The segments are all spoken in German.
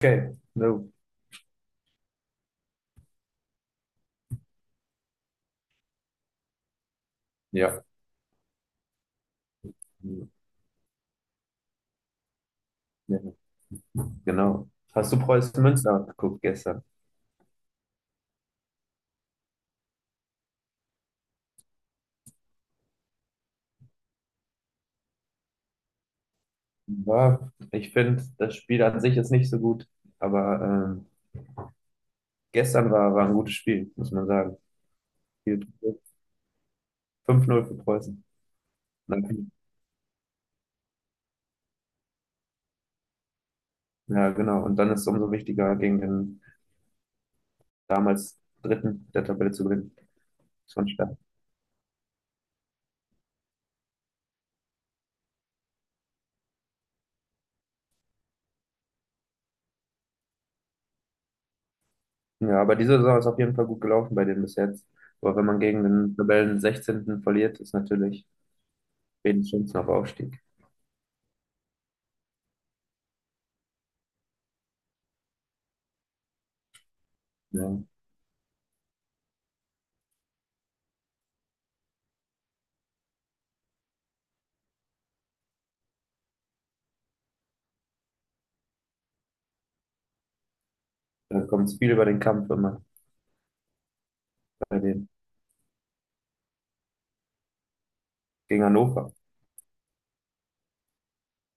Okay, no, ja, ja, genau. Hast du Preußen Münster geguckt gestern? War, ich finde, das Spiel an sich ist nicht so gut, aber ähm, gestern war ein gutes Spiel, muss man sagen. Viel- 5:0 für Preußen. Dann- Ja, genau. Und dann ist es umso wichtiger, gegen den damals Dritten der Tabelle zu gewinnen. Das war stark. Ja, aber diese Saison ist auf jeden Fall gut gelaufen bei denen bis jetzt. Aber wenn man gegen den Tabellen 16. verliert, ist natürlich wenig Chancen auf Aufstieg. Ja, dann kommt es viel über den Kampf immer. Bei denen. Gegen Hannover.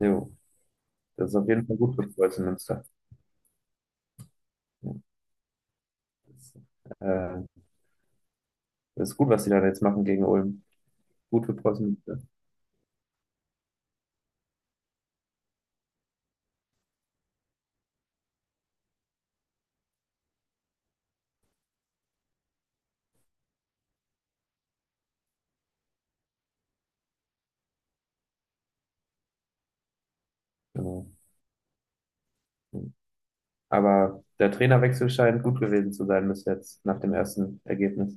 Jo, das ist auf jeden Fall gut für Preußen Münster. Ja, das, äh, das ist gut, was die da jetzt machen gegen Ulm. Gut für Preußen Münster. Genau. Aber der Trainerwechsel scheint gut gewesen zu sein bis jetzt, nach dem ersten Ergebnis.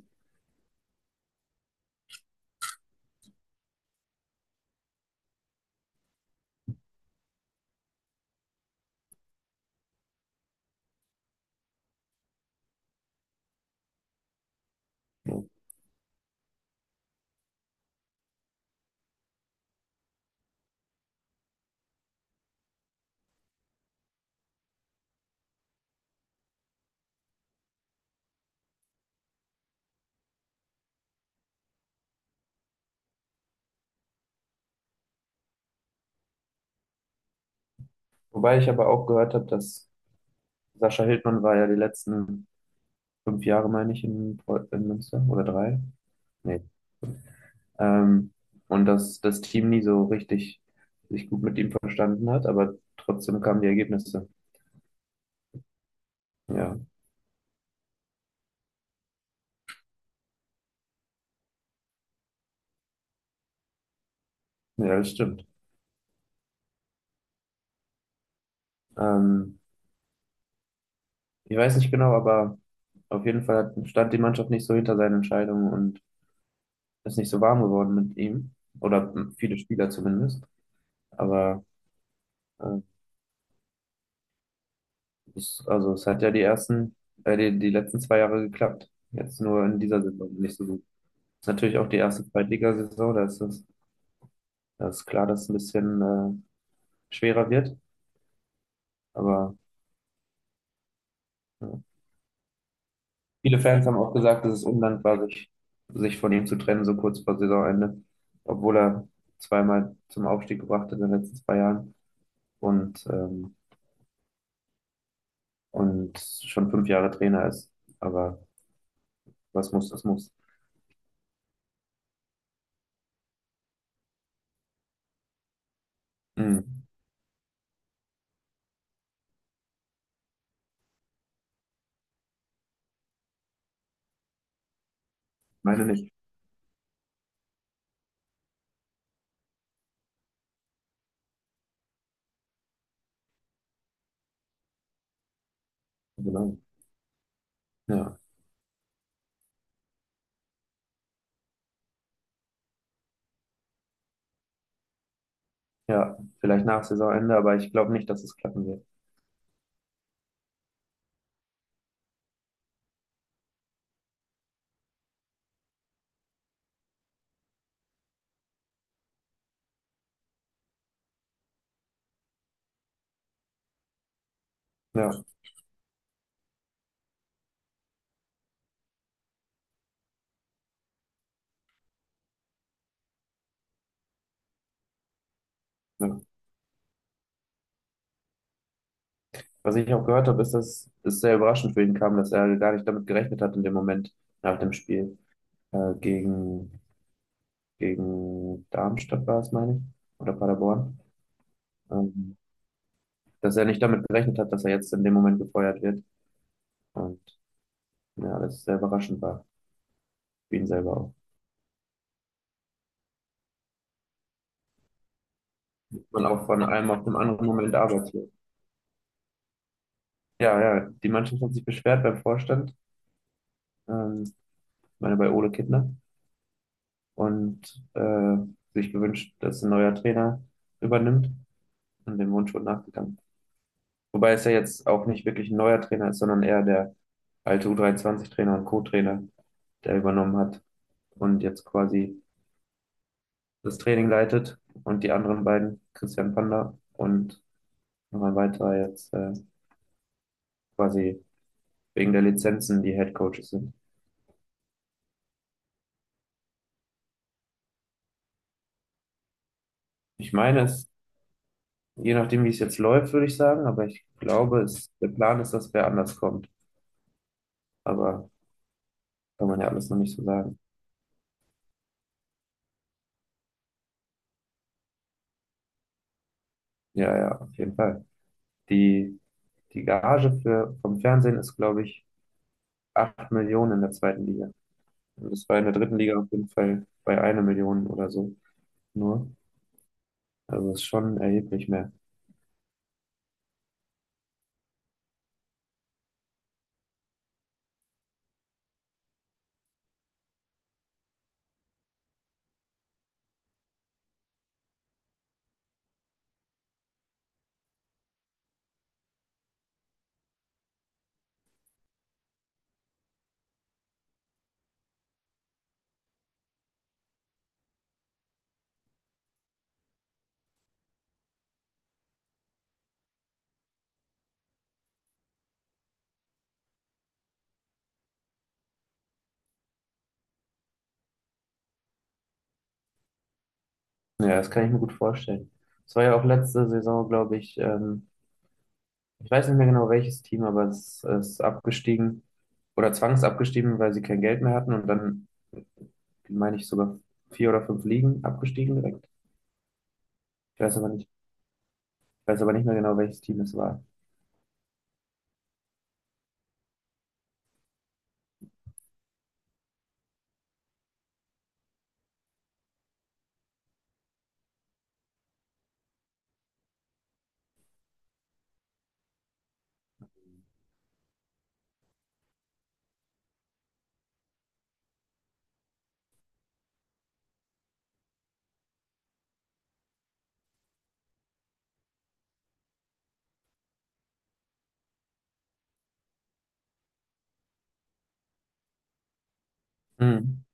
Ja. Wobei ich aber auch gehört habe, dass Sascha Hildmann war ja die letzten 5 Jahre, meine ich, in Münster oder drei. Nee. Ähm, und dass das Team nie so richtig sich gut mit ihm verstanden hat, aber trotzdem kamen die Ergebnisse. Ja, ja, das stimmt. Ähm, Ich weiß nicht genau, aber auf jeden Fall stand die Mannschaft nicht so hinter seinen Entscheidungen und ist nicht so warm geworden mit ihm. Oder viele Spieler zumindest. Aber äh, es, also es hat ja die letzten zwei Jahre geklappt. Jetzt nur in dieser Saison nicht so gut. Ist natürlich auch die erste Zweitligasaison, da ist klar, dass es ein bisschen schwerer wird. Aber ja. Viele Fans haben auch gesagt, dass es undankbar war, sich von ihm zu trennen, so kurz vor Saisonende, obwohl er zweimal zum Aufstieg gebracht hat in den letzten zwei Jahren und, ähm, und schon 5 Jahre Trainer ist. Aber was muss, das muss. Hm, meine nicht. Genau. Ja, ja, vielleicht nach Saisonende, aber ich glaube nicht, dass es klappen wird. Ja, ja. Was ich auch gehört habe, ist, dass es sehr überraschend für ihn kam, dass er gar nicht damit gerechnet hat in dem Moment nach dem Spiel gegen Darmstadt war es, meine ich, oder Paderborn, ähm, dass er nicht damit gerechnet hat, dass er jetzt in dem Moment gefeuert wird. Und ja, das sehr überraschend war, für ihn selber auch. Man auch von einem auf dem anderen Moment arbeitet. Ja, ja, die Mannschaft hat sich beschwert beim Vorstand, ich meine bei Ole Kittner, und sich gewünscht, dass ein neuer Trainer übernimmt und dem Wunsch wurde nachgegangen. Wobei es ja jetzt auch nicht wirklich ein neuer Trainer ist, sondern eher der alte U23-Trainer und Co-Trainer, der übernommen hat. Und jetzt quasi das Training leitet und die anderen beiden, Christian Panda und noch ein weiterer jetzt quasi wegen der Lizenzen die Head Coaches sind. Ich meine es, je nachdem, wie es jetzt läuft, würde ich sagen, aber ich glaube, der Plan ist, dass wer anders kommt. Aber kann man ja alles noch nicht so sagen. Ja, ja, auf jeden Fall. Die, die Gage vom Fernsehen ist, glaube ich, 8 Millionen in der zweiten Liga. Und das war in der dritten Liga auf jeden Fall bei einer Million oder so nur. Also es ist schon erheblich mehr. Ja, das kann ich mir gut vorstellen. Es war ja auch letzte Saison, glaube ich, ich weiß nicht mehr genau welches Team, aber es ist abgestiegen oder zwangsabgestiegen, weil sie kein Geld mehr hatten und dann, meine ich, sogar vier oder fünf Ligen abgestiegen direkt. Ich weiß aber nicht, ich weiß aber nicht mehr genau, welches Team es war. Mhm.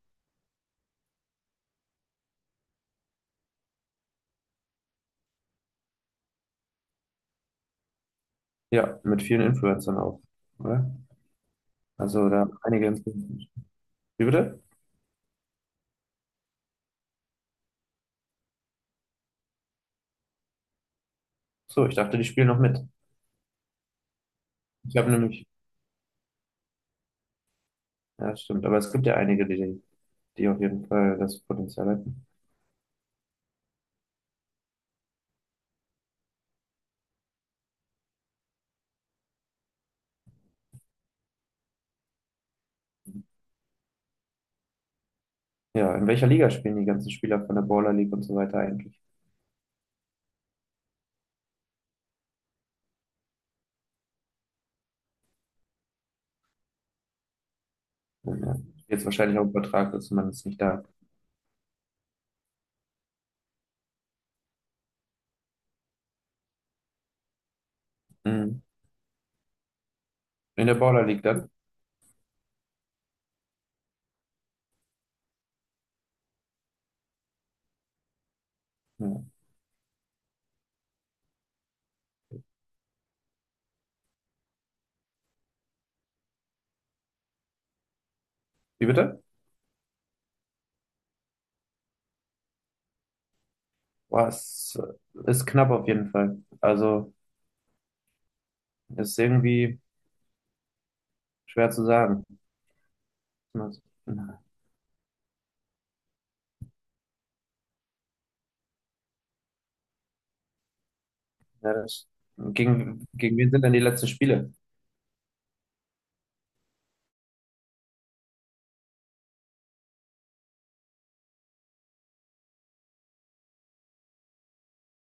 Ja, mit vielen Influencern auch, oder? Also da einige Influencer. Wie bitte? So, ich dachte, die spielen noch mit. Ich habe nämlich, ja, stimmt, aber es gibt ja einige, die auf jeden Fall das Potenzial hätten. Ja, in welcher Liga spielen die ganzen Spieler von der Baller League und so weiter eigentlich? Ja. Jetzt wahrscheinlich auch übertragen, dass man es nicht da. Mhm. In der Baller League dann? Ja. Wie bitte? Boah, es ist knapp auf jeden Fall. Also ist irgendwie schwer zu sagen. Ja, das, gegen wen sind denn die letzten Spiele?